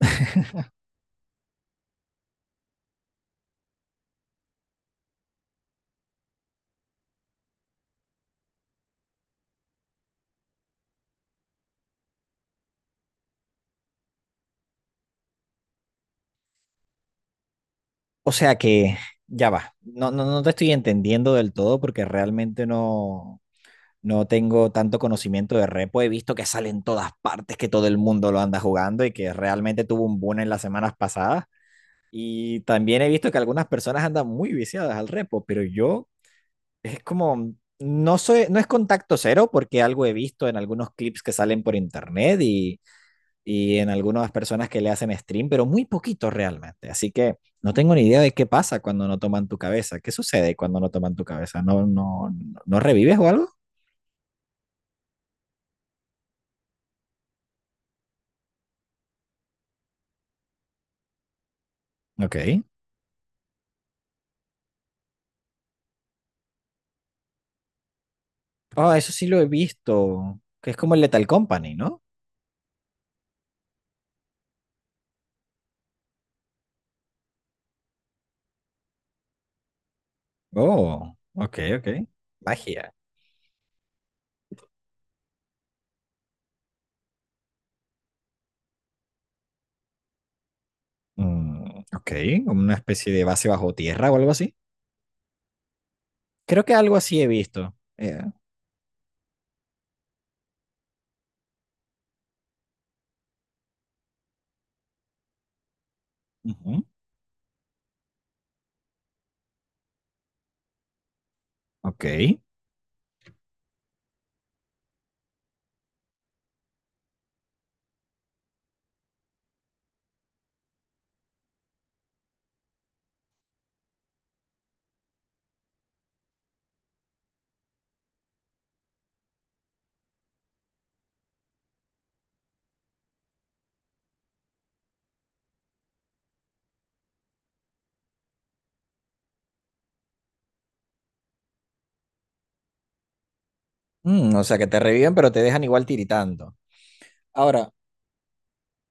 O sea que ya va. No, te estoy entendiendo del todo porque realmente no, no tengo tanto conocimiento de repo. He visto que sale en todas partes, que todo el mundo lo anda jugando y que realmente tuvo un boom en las semanas pasadas. Y también he visto que algunas personas andan muy viciadas al repo, pero yo es como, no soy, no es contacto cero porque algo he visto en algunos clips que salen por internet y en algunas personas que le hacen stream, pero muy poquito realmente. Así que no tengo ni idea de qué pasa cuando no toman tu cabeza. ¿Qué sucede cuando no toman tu cabeza? No, no revives o algo? Ok. Eso sí lo he visto. Que es como el Lethal Company, ¿no? Oh, ok, ok. Magia. Mm, ok, como una especie de base bajo tierra o algo así. Creo que algo así he visto. Ujú, ok. Mm, o sea que te reviven, pero te dejan igual tiritando. Ahora,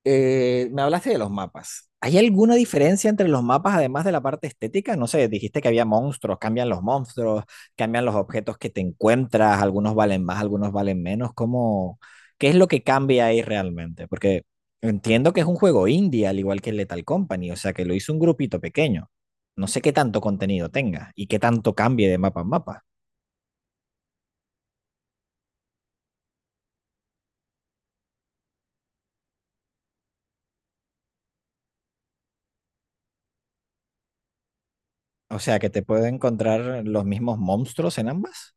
Me hablaste de los mapas. ¿Hay alguna diferencia entre los mapas además de la parte estética? No sé, dijiste que había monstruos, cambian los objetos que te encuentras, algunos valen más, algunos valen menos. ¿Cómo, qué es lo que cambia ahí realmente? Porque entiendo que es un juego indie, al igual que el Lethal Company, o sea que lo hizo un grupito pequeño. No sé qué tanto contenido tenga y qué tanto cambie de mapa en mapa. O sea que te puede encontrar los mismos monstruos en ambas.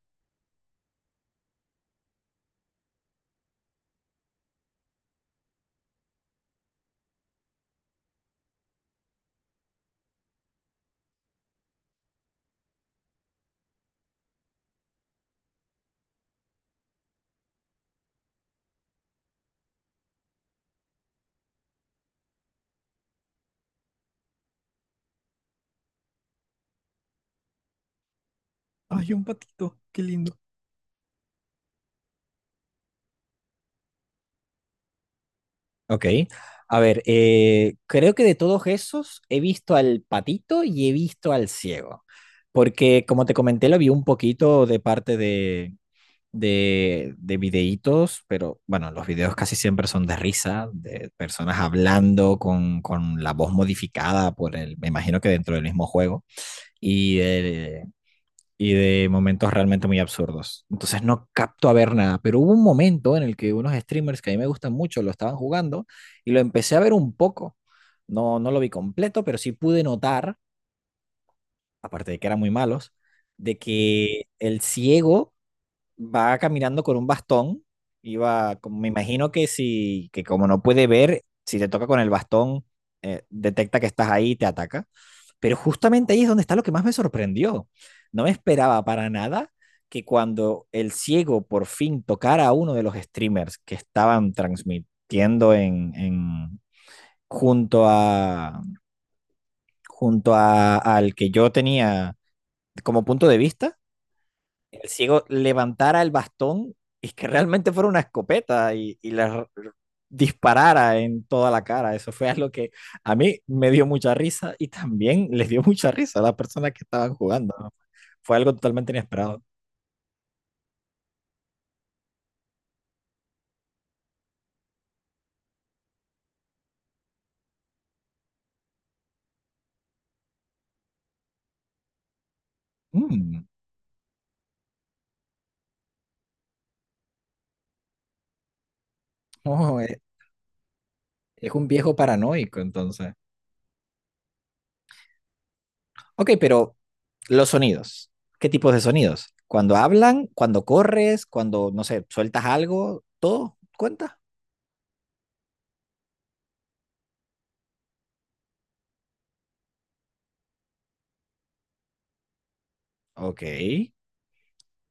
Ay, un patito, qué lindo. Ok. A ver, creo que de todos esos he visto al patito y he visto al ciego. Porque como te comenté, lo vi un poquito de parte de videítos, pero bueno, los videos casi siempre son de risa, de personas hablando con la voz modificada por el, me imagino que dentro del mismo juego. Y eh, y de momentos realmente muy absurdos. Entonces no capto a ver nada, pero hubo un momento en el que unos streamers que a mí me gustan mucho lo estaban jugando y lo empecé a ver un poco. No lo vi completo, pero sí pude notar, aparte de que eran muy malos, de que el ciego va caminando con un bastón, iba, como me imagino que si, que como no puede ver, si te toca con el bastón, detecta que estás ahí y te ataca. Pero justamente ahí es donde está lo que más me sorprendió. No me esperaba para nada que cuando el ciego por fin tocara a uno de los streamers que estaban transmitiendo en junto a al que yo tenía como punto de vista, el ciego levantara el bastón y que realmente fuera una escopeta y le disparara en toda la cara. Eso fue algo que a mí me dio mucha risa y también les dio mucha risa a las personas que estaban jugando. ¿No? Fue algo totalmente inesperado. Mm, oh, es un viejo paranoico, entonces. Ok, pero los sonidos. ¿Qué tipos de sonidos? Cuando hablan, cuando corres, cuando, no sé, sueltas algo, todo cuenta. Ok.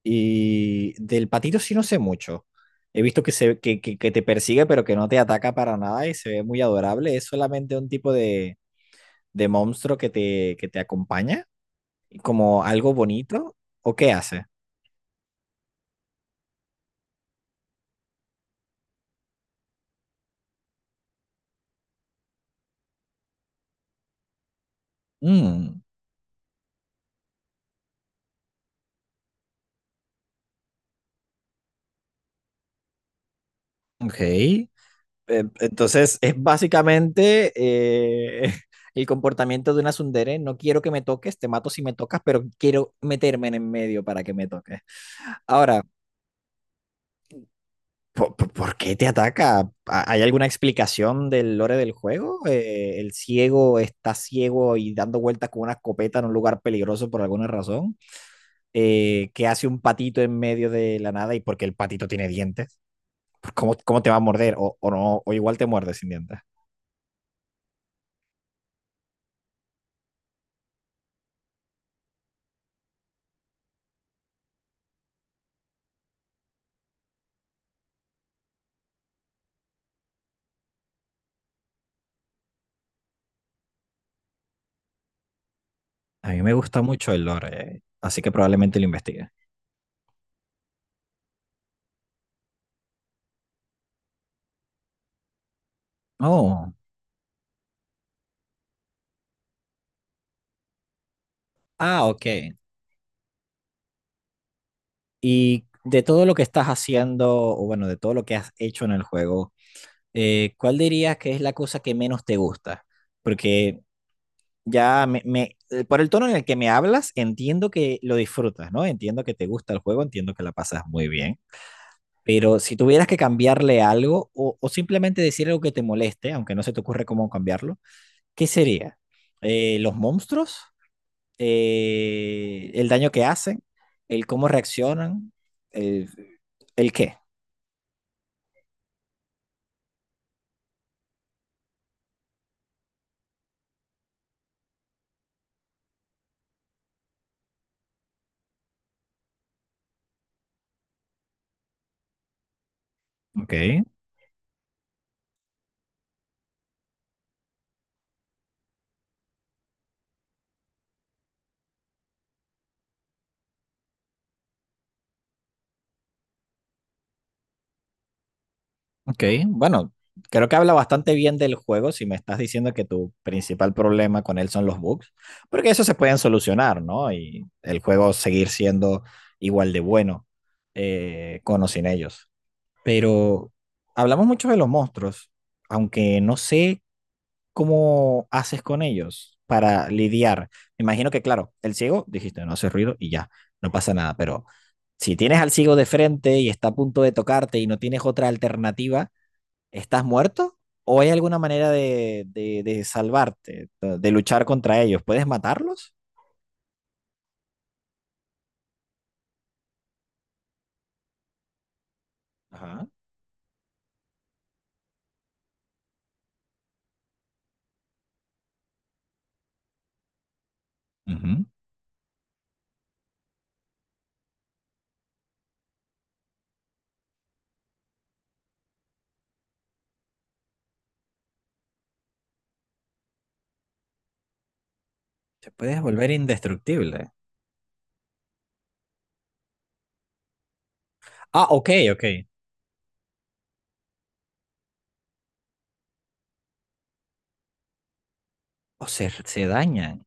Y del patito sí no sé mucho. He visto que, se, que te persigue, pero que no te ataca para nada y se ve muy adorable. Es solamente un tipo de monstruo que te acompaña, como algo bonito. ¿O qué hace? Mm, ok. Entonces es básicamente el comportamiento de una tsundere. No quiero que me toques, te mato si me tocas, pero quiero meterme en el medio para que me toques. Ahora, por qué te ataca? ¿Hay alguna explicación del lore del juego? ¿El ciego está ciego y dando vueltas con una escopeta en un lugar peligroso por alguna razón? ¿Qué hace un patito en medio de la nada y porque el patito tiene dientes? ¿Cómo, cómo te va a morder? O no, o igual te muerde sin dientes. A mí me gusta mucho el lore, así que probablemente lo investigue. Oh, ah, ok. Y de todo lo que estás haciendo, o bueno, de todo lo que has hecho en el juego, ¿cuál dirías que es la cosa que menos te gusta? Porque ya por el tono en el que me hablas, entiendo que lo disfrutas, ¿no? Entiendo que te gusta el juego, entiendo que la pasas muy bien. Pero si tuvieras que cambiarle algo o simplemente decir algo que te moleste, aunque no se te ocurre cómo cambiarlo, ¿qué sería? ¿Los monstruos? El daño que hacen, el cómo reaccionan, el, el qué. Ok, ok. Bueno, creo que habla bastante bien del juego si me estás diciendo que tu principal problema con él son los bugs, porque eso se pueden solucionar, ¿no? Y el juego seguir siendo igual de bueno con o sin ellos. Pero hablamos mucho de los monstruos, aunque no sé, ¿cómo haces con ellos para lidiar? Me imagino que, claro, el ciego, dijiste, no hace ruido y ya, no pasa nada, pero si tienes al ciego de frente y está a punto de tocarte y no tienes otra alternativa, ¿estás muerto? ¿O hay alguna manera de salvarte, de luchar contra ellos? ¿Puedes matarlos? Ajá. Ujú. Te puedes volver indestructible. Ah, ok, ok. O se dañan.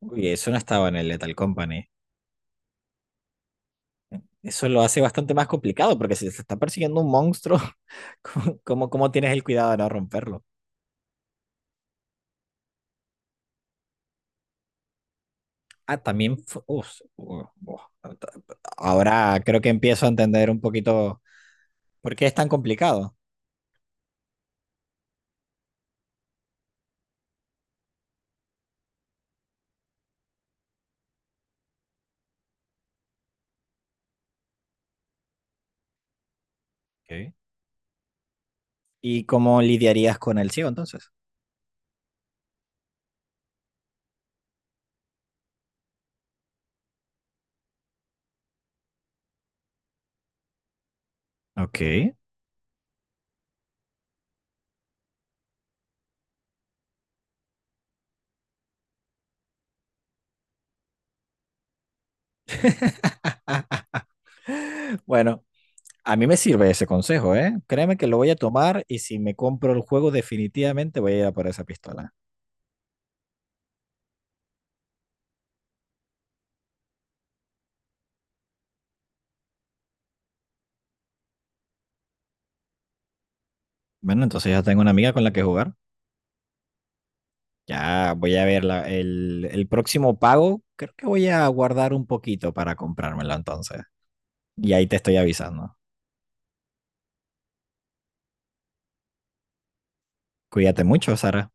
Uy, eso no estaba en el Lethal Company. Eso lo hace bastante más complicado, porque si se está persiguiendo un monstruo, cómo tienes el cuidado de no romperlo? Ah, también. Uh, uh, ahora creo que empiezo a entender un poquito por qué es tan complicado. Ok. Y cómo lidiarías con el ciego entonces. Ok. Bueno, a mí me sirve ese consejo, ¿eh? Créeme que lo voy a tomar y si me compro el juego definitivamente voy a ir a por esa pistola. Bueno, entonces ya tengo una amiga con la que jugar. Ya voy a ver el próximo pago. Creo que voy a guardar un poquito para comprármelo entonces. Y ahí te estoy avisando. Cuídate mucho, Sara.